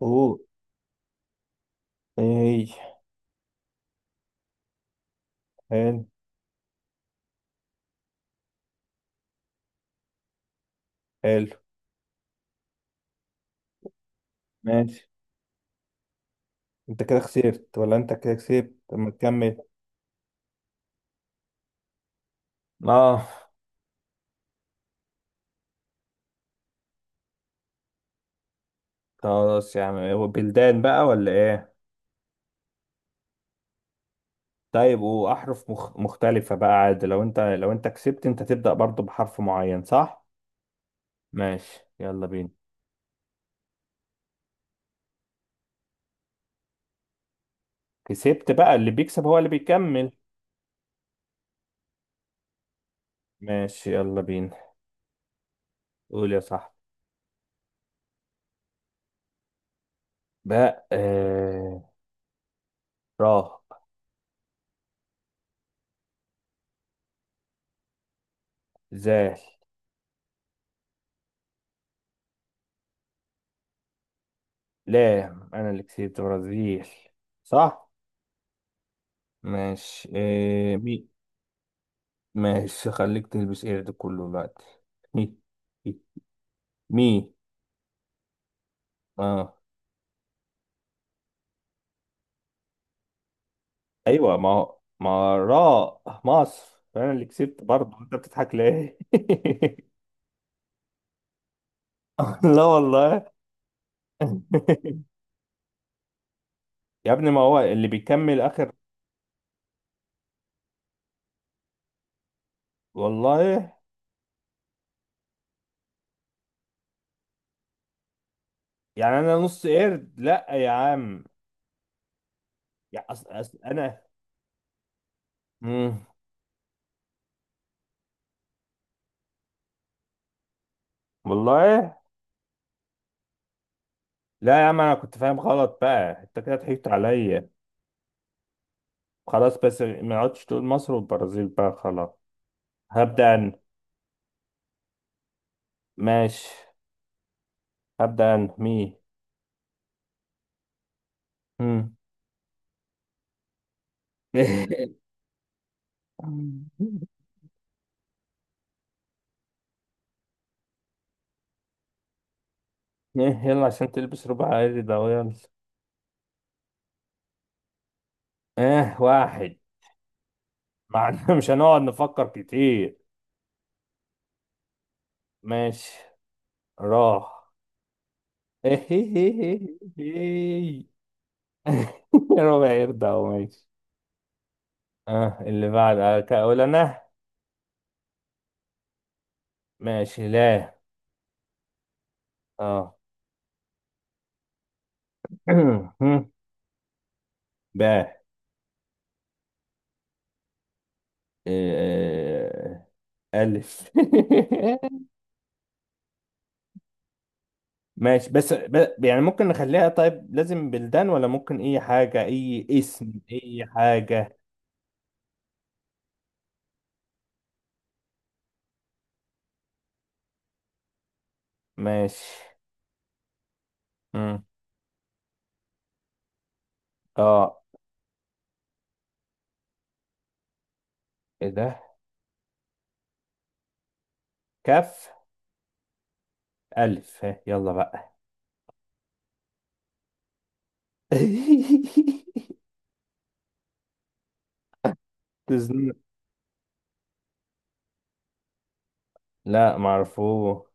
اوه. ايه؟ حلو. حلو، ماشي. انت كده خسرت ولا انت كده كسبت؟ طب ما تكمل. اه. خلاص يا عم، هو بلدان بقى ولا ايه؟ طيب واحرف مختلفة بقى عادي؟ لو انت لو انت كسبت انت تبدأ برضو بحرف معين، صح؟ ماشي، يلا بينا. كسبت بقى؟ اللي بيكسب هو اللي بيكمل. ماشي يلا بينا. قول يا صاحبي. بقى راه. زال. لام. انا اللي كسبت، برازيل. صح. ماشي، مين؟ ماشي، خليك تلبس ايه ده كله دلوقتي. مي. مي. اه. ايوه، ما راء مصر، انا اللي كسبت برضه. انت بتضحك ليه؟ لا والله. يا ابني ما هو اللي بيكمل اخر. والله. يعني انا نص قرد؟ لا يا عم. يا انا. مم. والله. لا يا عم، انا كنت فاهم غلط بقى. انت كده ضحكت عليا. خلاص، بس ما عدتش تقول مصر والبرازيل بقى، خلاص. هبدأ أنا. ماشي. هبدأ أنا، مي. مم. إيه؟ يلا عشان تلبس ربع، عادي ده، يلا. اه، واحد. معنا مش هنقعد نفكر كتير. ماشي. راح. ربع يرضى أهو، ماشي. اه، اللي بعد؟ اقول انا؟ ماشي. لا. اه. باء. آه، الف. ماشي، بس يعني ممكن نخليها طيب، لازم بلدان ولا ممكن اي حاجة، اي اسم، اي حاجة؟ ماشي. مم. اه. ايه ده؟ كف. الف. ها، يلا بقى. تزن- لا، معرفوه.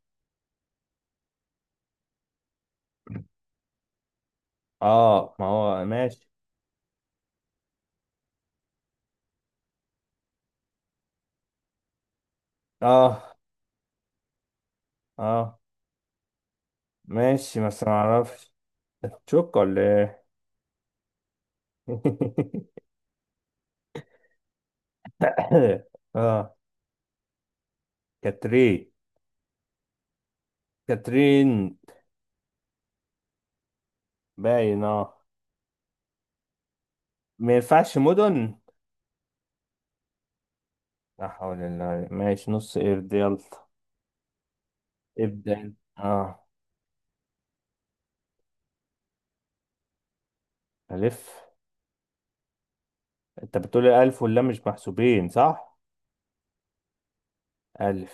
اه، ما هو ماشي. اه. اه، ماشي. بس ما اعرفش. تشوك ولا ايه؟ اه. كاترين. كاترين. باين، اه. ما ينفعش مدن. لا حول الله. ماشي، نص قرد، يلا. ابدأ انت. اه. ألف. أنت بتقول ألف واللام مش محسوبين، صح؟ ألف.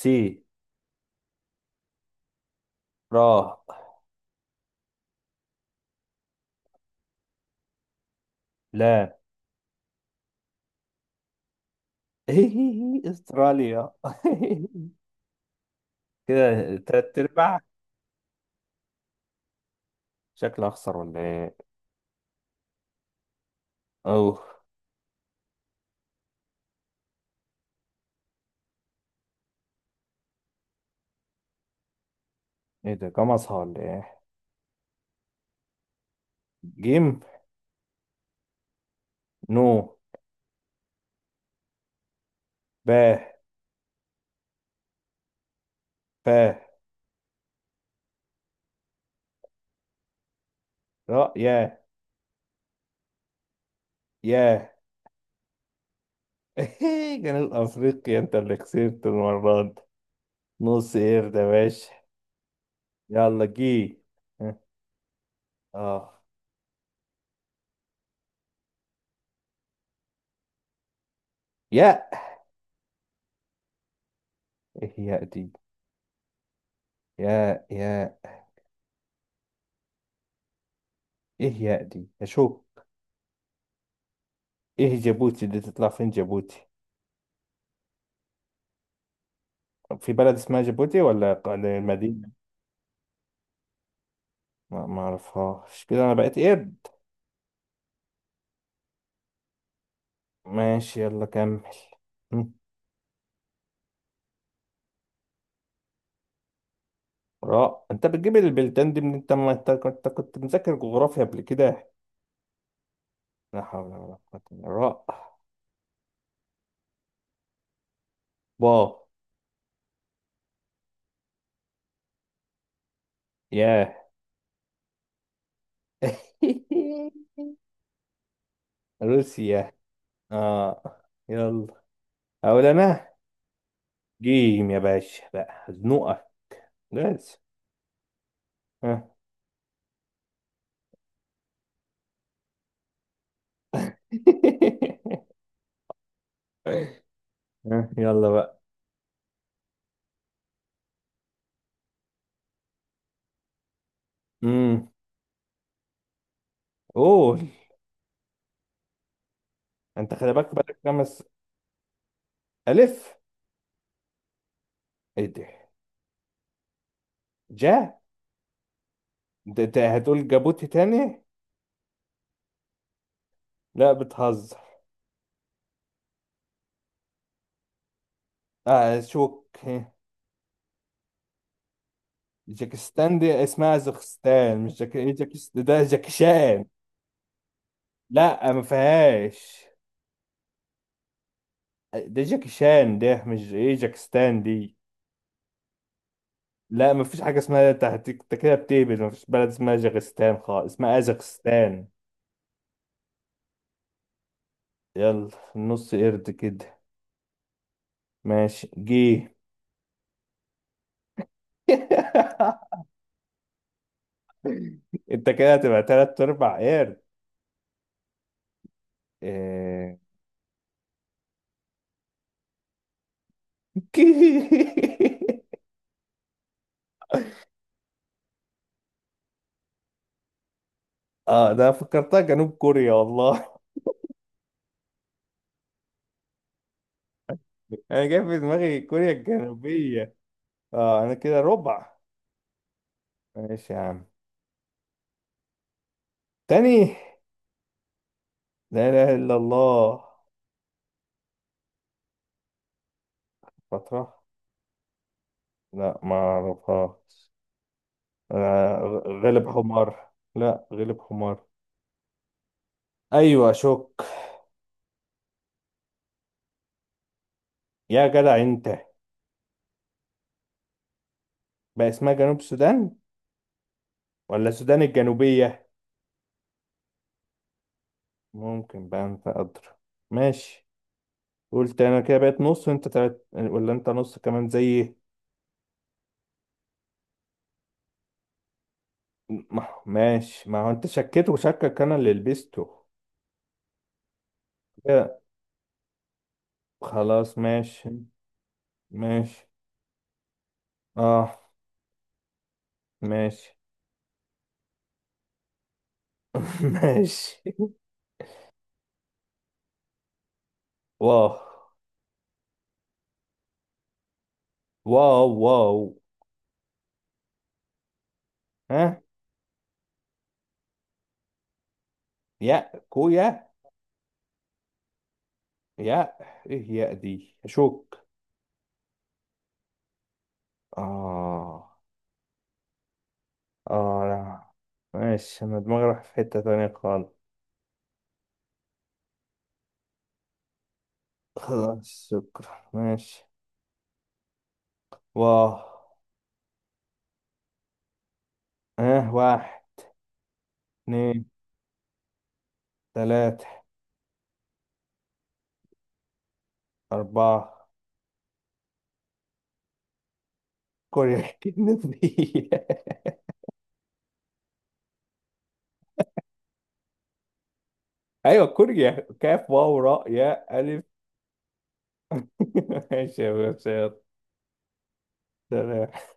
سي. را. لا. أستراليا. كده تلات أرباع. شكلي أخسر ولا إيه؟ أوه. إيه ده، كام أصحى ولا إيه؟ جيم. نو. با. فا. را. يا. يا. جنوب أفريقيا، أنت اللي خسرت المرة دي. نص قرد يا باشا. يلا، جي. آه. اه. ياء. ايه ياء دي؟ ياء، ياء. ايه ياء دي يا شو؟ ايه جيبوتي دي؟ تطلع فين جيبوتي؟ في بلد اسمها جيبوتي ولا مدينة؟ ما اعرفهاش. كده انا بقيت قرد. ماشي يلا كمل. م. راء. انت بتجيب البلدان دي من انت، ما انت كنت مذاكر جغرافيا قبل كده؟ لا حول ولا قوة إلا بالله. راء. با. ياه. روسيا. اه. يلا، اقول انا. جيم يا باشا بقى، زنوقة بس. ها. ها، يلا بقى. امم. قول. انت خلي بالك، بقالك خمس. الف. ايه ده؟ جا. ده انت هتقول جابوتي تاني؟ لا، بتهزر. اه، شوك. ها، جاكستان دي اسمها زخستان، مش جاك، إيه جاكستان، ده جاكشان. لا، ما فيهاش. ده جاكشان ده، مش ايه جاكستان دي. لا، ما فيش حاجه اسمها، انت أنت كده بتهبل. ما فيش بلد اسمها جاكستان خالص، اسمها ازخستان. يلا، النص قرد كده. ماشي، جه. انت كده هتبقى تلات ارباع قرد. آه. اه، ده فكرتها جنوب كوريا والله. انا جاي في دماغي كوريا الجنوبية. اه، انا كده ربع. ماشي يا عم. تاني. لا اله الا الله. فترة؟ لا، ما اعرفهاش. غلب حمار، لا، غلب حمار. ايوه شك. يا جدع انت. بقى اسمها جنوب السودان ولا السودان الجنوبية؟ ممكن، بقى انت ادرى. ماشي. قلت انا كده بقيت نص، وانت تلات، ولا انت نص كمان زيي؟ ماشي، ما هو انت شكيت وشكك انا اللي لبسته. كده؟ خلاص ماشي. ماشي. اه. ماشي. ماشي. واو. واو واو. ها. يا كويا. يا. ايه يا دي، اشك. اه. اه، لا. ماشي، انا دماغي راح في حتة تانية خالص. خلاص، شكرا، ماشي. واه. اه، واحد، اتنين، تلاتة، أربعة. كوريا الجنوبية. أيوة، كوريا. كاف واو راء ياء ألف. ماشي يا باشا، يلا. سلام.